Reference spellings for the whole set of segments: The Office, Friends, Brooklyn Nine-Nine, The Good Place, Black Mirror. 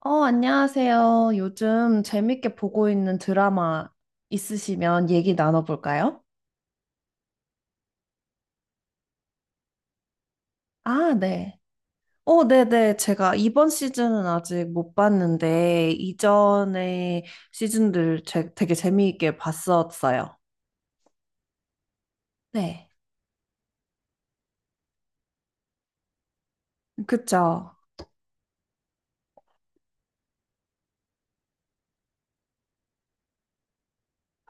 안녕하세요. 요즘 재밌게 보고 있는 드라마 있으시면 얘기 나눠볼까요? 아, 네. 네네. 제가 이번 시즌은 아직 못 봤는데, 이전의 시즌들 되게 재미있게 봤었어요. 네. 그쵸.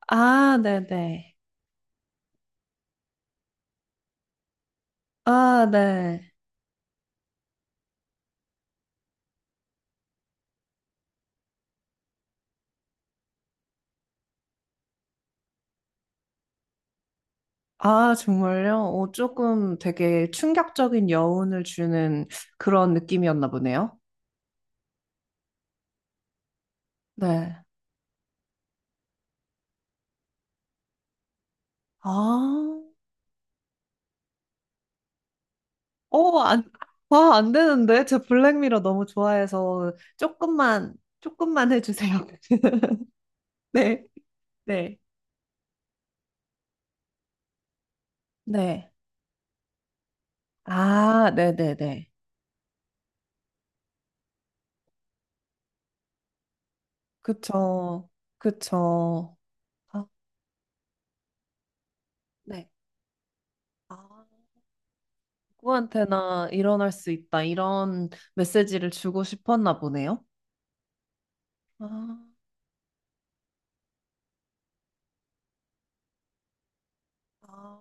아, 네네. 아, 네. 아, 정말요? 조금 되게 충격적인 여운을 주는 그런 느낌이었나 보네요. 네. 아. 어, 안, 와, 안 되는데? 제 블랙미러 너무 좋아해서 조금만, 조금만 해주세요. 네, 네. 네. 아, 네네네. 그쵸, 그쵸. 아, 네. 아, 누구한테나 일어날 수 있다. 이런 메시지를 주고 싶었나 보네요. 아, 아.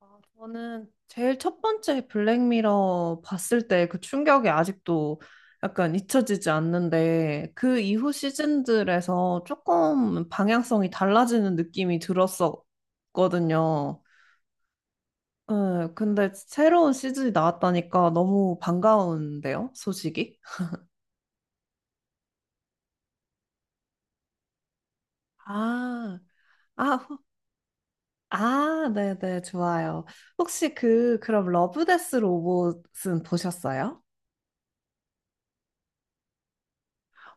아, 저는 제일 첫 번째 블랙미러 봤을 때 그 충격이 아직도 약간 잊혀지지 않는데 그 이후 시즌들에서 조금 방향성이 달라지는 느낌이 들었었거든요. 네, 근데 새로운 시즌이 나왔다니까 너무 반가운데요, 소식이? 아, 아, 후- 아, 네네, 좋아요. 혹시 그럼 러브데스 로봇은 보셨어요?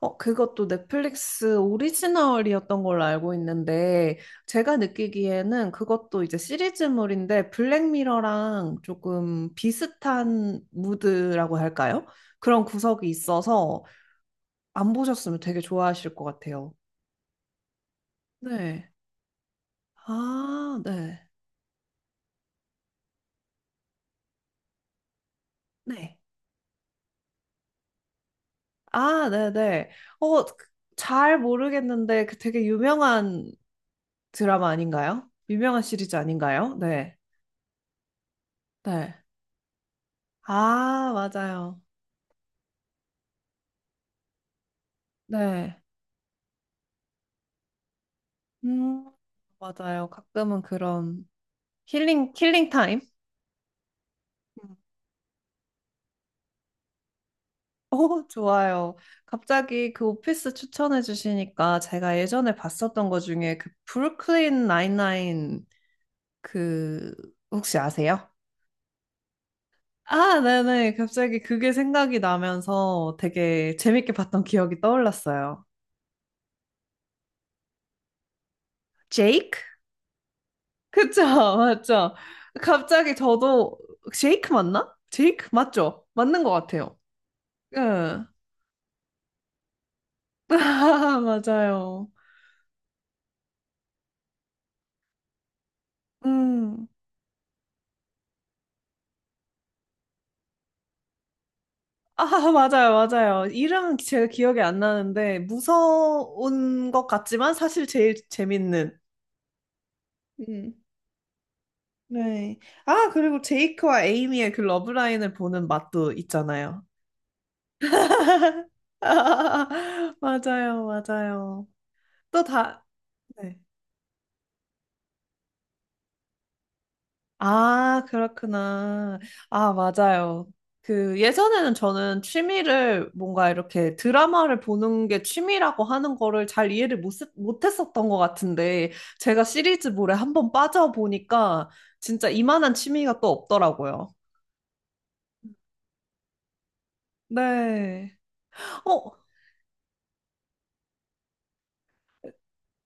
그것도 넷플릭스 오리지널이었던 걸로 알고 있는데, 제가 느끼기에는 그것도 이제 시리즈물인데, 블랙미러랑 조금 비슷한 무드라고 할까요? 그런 구석이 있어서 안 보셨으면 되게 좋아하실 것 같아요. 네. 아, 네. 네. 아, 네네. 어, 그- 잘 모르겠는데, 그 되게 유명한 드라마 아닌가요? 유명한 시리즈 아닌가요? 네. 네. 아, 맞아요. 네. 음, 맞아요. 가끔은 그런 힐링, 힐링 타임? 음. 오, 좋아요. 갑자기 그 오피스 추천해 주시니까 제가 예전에 봤었던 것 중에 그 브루클린 나인나인 그 혹시 아세요? 아, 네네. 갑자기 그게 생각이 나면서 되게 재밌게 봤던 기억이 떠올랐어요. 제이크? 그쵸, 맞죠. 갑자기 저도 제이크 맞나? 제이크 맞죠? 맞는 것 같아요. 예. 아, 맞아요. 음. 아, 맞아요, 맞아요. 이름 제가 기억이 안 나는데, 무서운 것 같지만 사실 제일 재밌는. 음. 네. 아, 그리고 제이크와 에이미의 그 러브라인을 보는 맛도 있잖아요. 맞아요, 맞아요. 또 다, 네. 아, 그렇구나. 아, 맞아요. 그 예전에는 저는 취미를 뭔가 이렇게 드라마를 보는 게 취미라고 하는 거를 잘 이해를 못 했었던 것 같은데 제가 시리즈물에 한번 빠져보니까 진짜 이만한 취미가 또 없더라고요. 네. 어,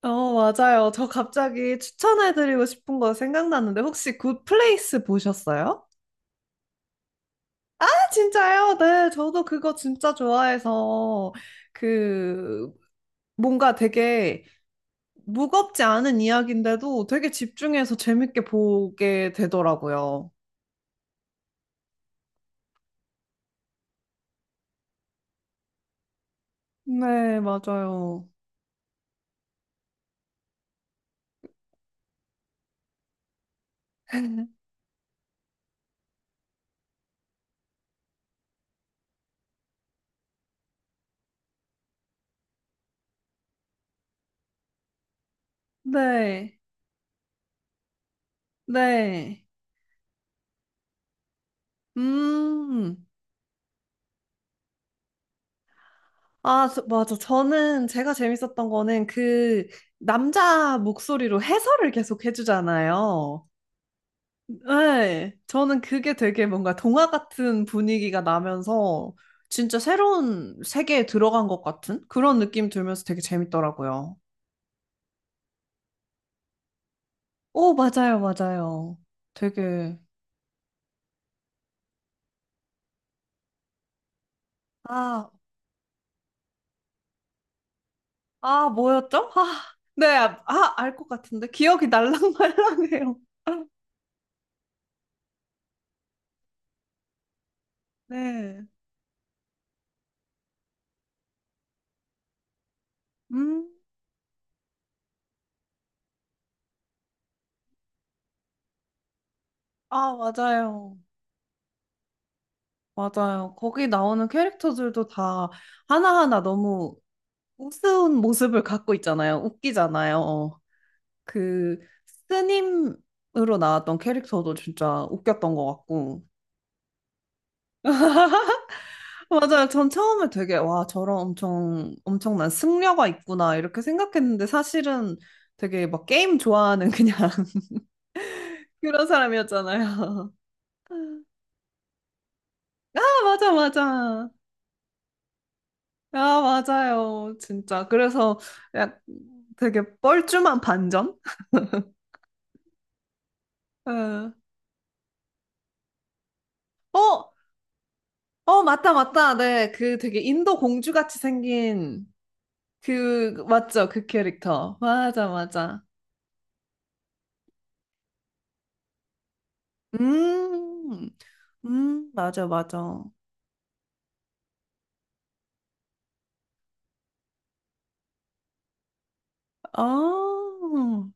어, 맞아요. 저 갑자기 추천해드리고 싶은 거 생각났는데 혹시 굿플레이스 보셨어요? 아, 진짜요? 네, 저도 그거 진짜 좋아해서 그 뭔가 되게 무겁지 않은 이야기인데도 되게 집중해서 재밌게 보게 되더라고요. 네, 맞아요. 네, 네. 음. 맞아. 저는 제가 재밌었던 거는 그 남자 목소리로 해설을 계속 해주잖아요. 네. 저는 그게 되게 뭔가 동화 같은 분위기가 나면서 진짜 새로운 세계에 들어간 것 같은 그런 느낌 들면서 되게 재밌더라고요. 오, 맞아요, 맞아요. 되게, 아, 아, 뭐였죠? 아, 네, 아, 아, 알 것 같은데. 기억이 날랑말랑해요. 네. 음, 아, 맞아요. 맞아요. 거기 나오는 캐릭터들도 다 하나하나 너무 우스운 모습을 갖고 있잖아요. 웃기잖아요. 그, 스님으로 나왔던 캐릭터도 진짜 웃겼던 것 같고. 맞아요. 전 처음에 되게, 와, 저런 엄청, 엄청난 승려가 있구나, 이렇게 생각했는데 사실은 되게 막 게임 좋아하는 그냥 그런 사람이었잖아요. 아, 맞아, 맞아. 아, 맞아요. 진짜. 그래서 약 되게 뻘쭘한 반전? 예. 어, 어, 맞다, 맞다. 네. 그 되게 인도 공주 같이 생긴 그, 맞죠? 그 캐릭터. 맞아, 맞아. 음, 맞아, 맞아. 아,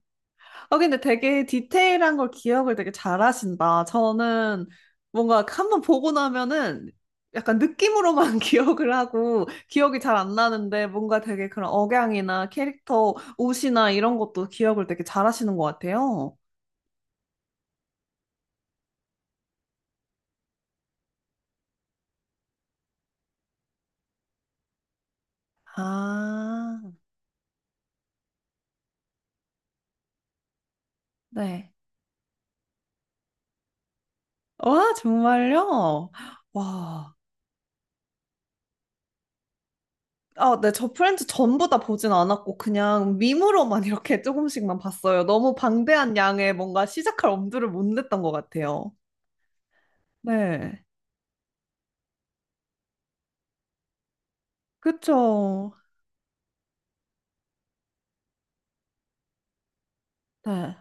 근데 되게 디테일한 걸 기억을 되게 잘하신다. 저는 뭔가 한번 보고 나면은 약간 느낌으로만 기억을 하고 기억이 잘 안 나는데 뭔가 되게 그런 억양이나 캐릭터 옷이나 이런 것도 기억을 되게 잘하시는 것 같아요. 아, 네. 와, 정말요? 와. 아, 네, 저 프렌즈 전부 다 보진 않았고, 그냥 밈으로만 이렇게 조금씩만 봤어요. 너무 방대한 양의 뭔가 시작할 엄두를 못 냈던 것 같아요. 네, 그쵸. 네.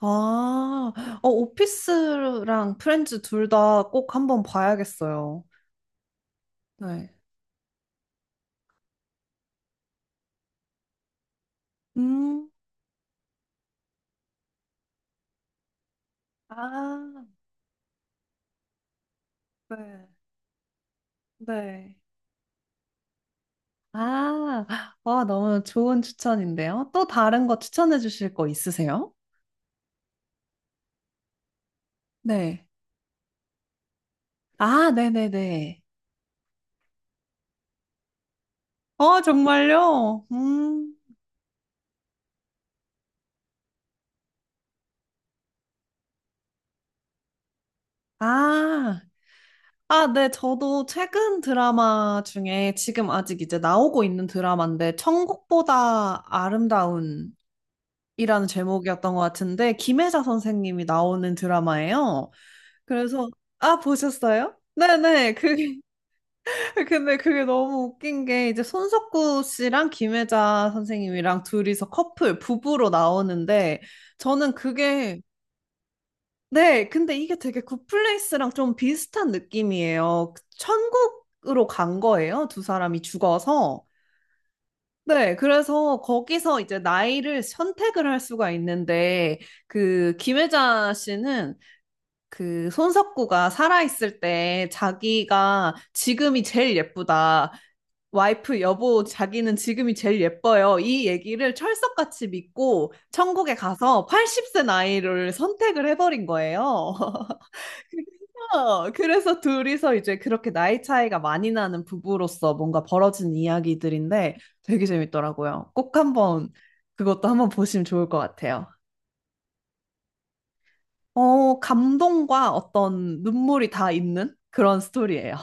아, 어, 오피스랑 프렌즈 둘 다 꼭 한번 봐야겠어요. 네. 음, 아, 네. 네. 아, 아, 너무 좋은 추천인데요. 또 다른 거 추천해 주실 거 있으세요? 네. 아, 네네네. 어, 정말요? 음. 아, 아, 네. 저도 최근 드라마 중에 지금 아직 이제 나오고 있는 드라마인데, 천국보다 아름다운이라는 제목이었던 것 같은데, 김혜자 선생님이 나오는 드라마예요. 그래서, 아, 보셨어요? 네네. 그게, 근데 그게 너무 웃긴 게, 이제 손석구 씨랑 김혜자 선생님이랑 둘이서 커플, 부부로 나오는데, 저는 그게 네, 근데 이게 되게 굿플레이스랑 좀 비슷한 느낌이에요. 그 천국으로 간 거예요, 두 사람이 죽어서. 네, 그래서 거기서 이제 나이를 선택을 할 수가 있는데, 그 김혜자 씨는 그 손석구가 살아있을 때 자기가 지금이 제일 예쁘다. 와이프, 여보, 자기는 지금이 제일 예뻐요. 이 얘기를 철석같이 믿고 천국에 가서 80세 나이를 선택을 해버린 거예요. 그래서, 그래서 둘이서 이제 그렇게 나이 차이가 많이 나는 부부로서 뭔가 벌어진 이야기들인데 되게 재밌더라고요. 꼭 한번 그것도 한번 보시면 좋을 것 같아요. 어, 감동과 어떤 눈물이 다 있는 그런 스토리예요.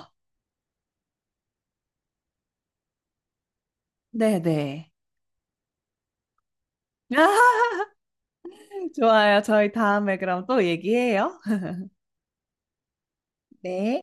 네네. 아, 좋아요. 저희 다음에 그럼 또 얘기해요. 네.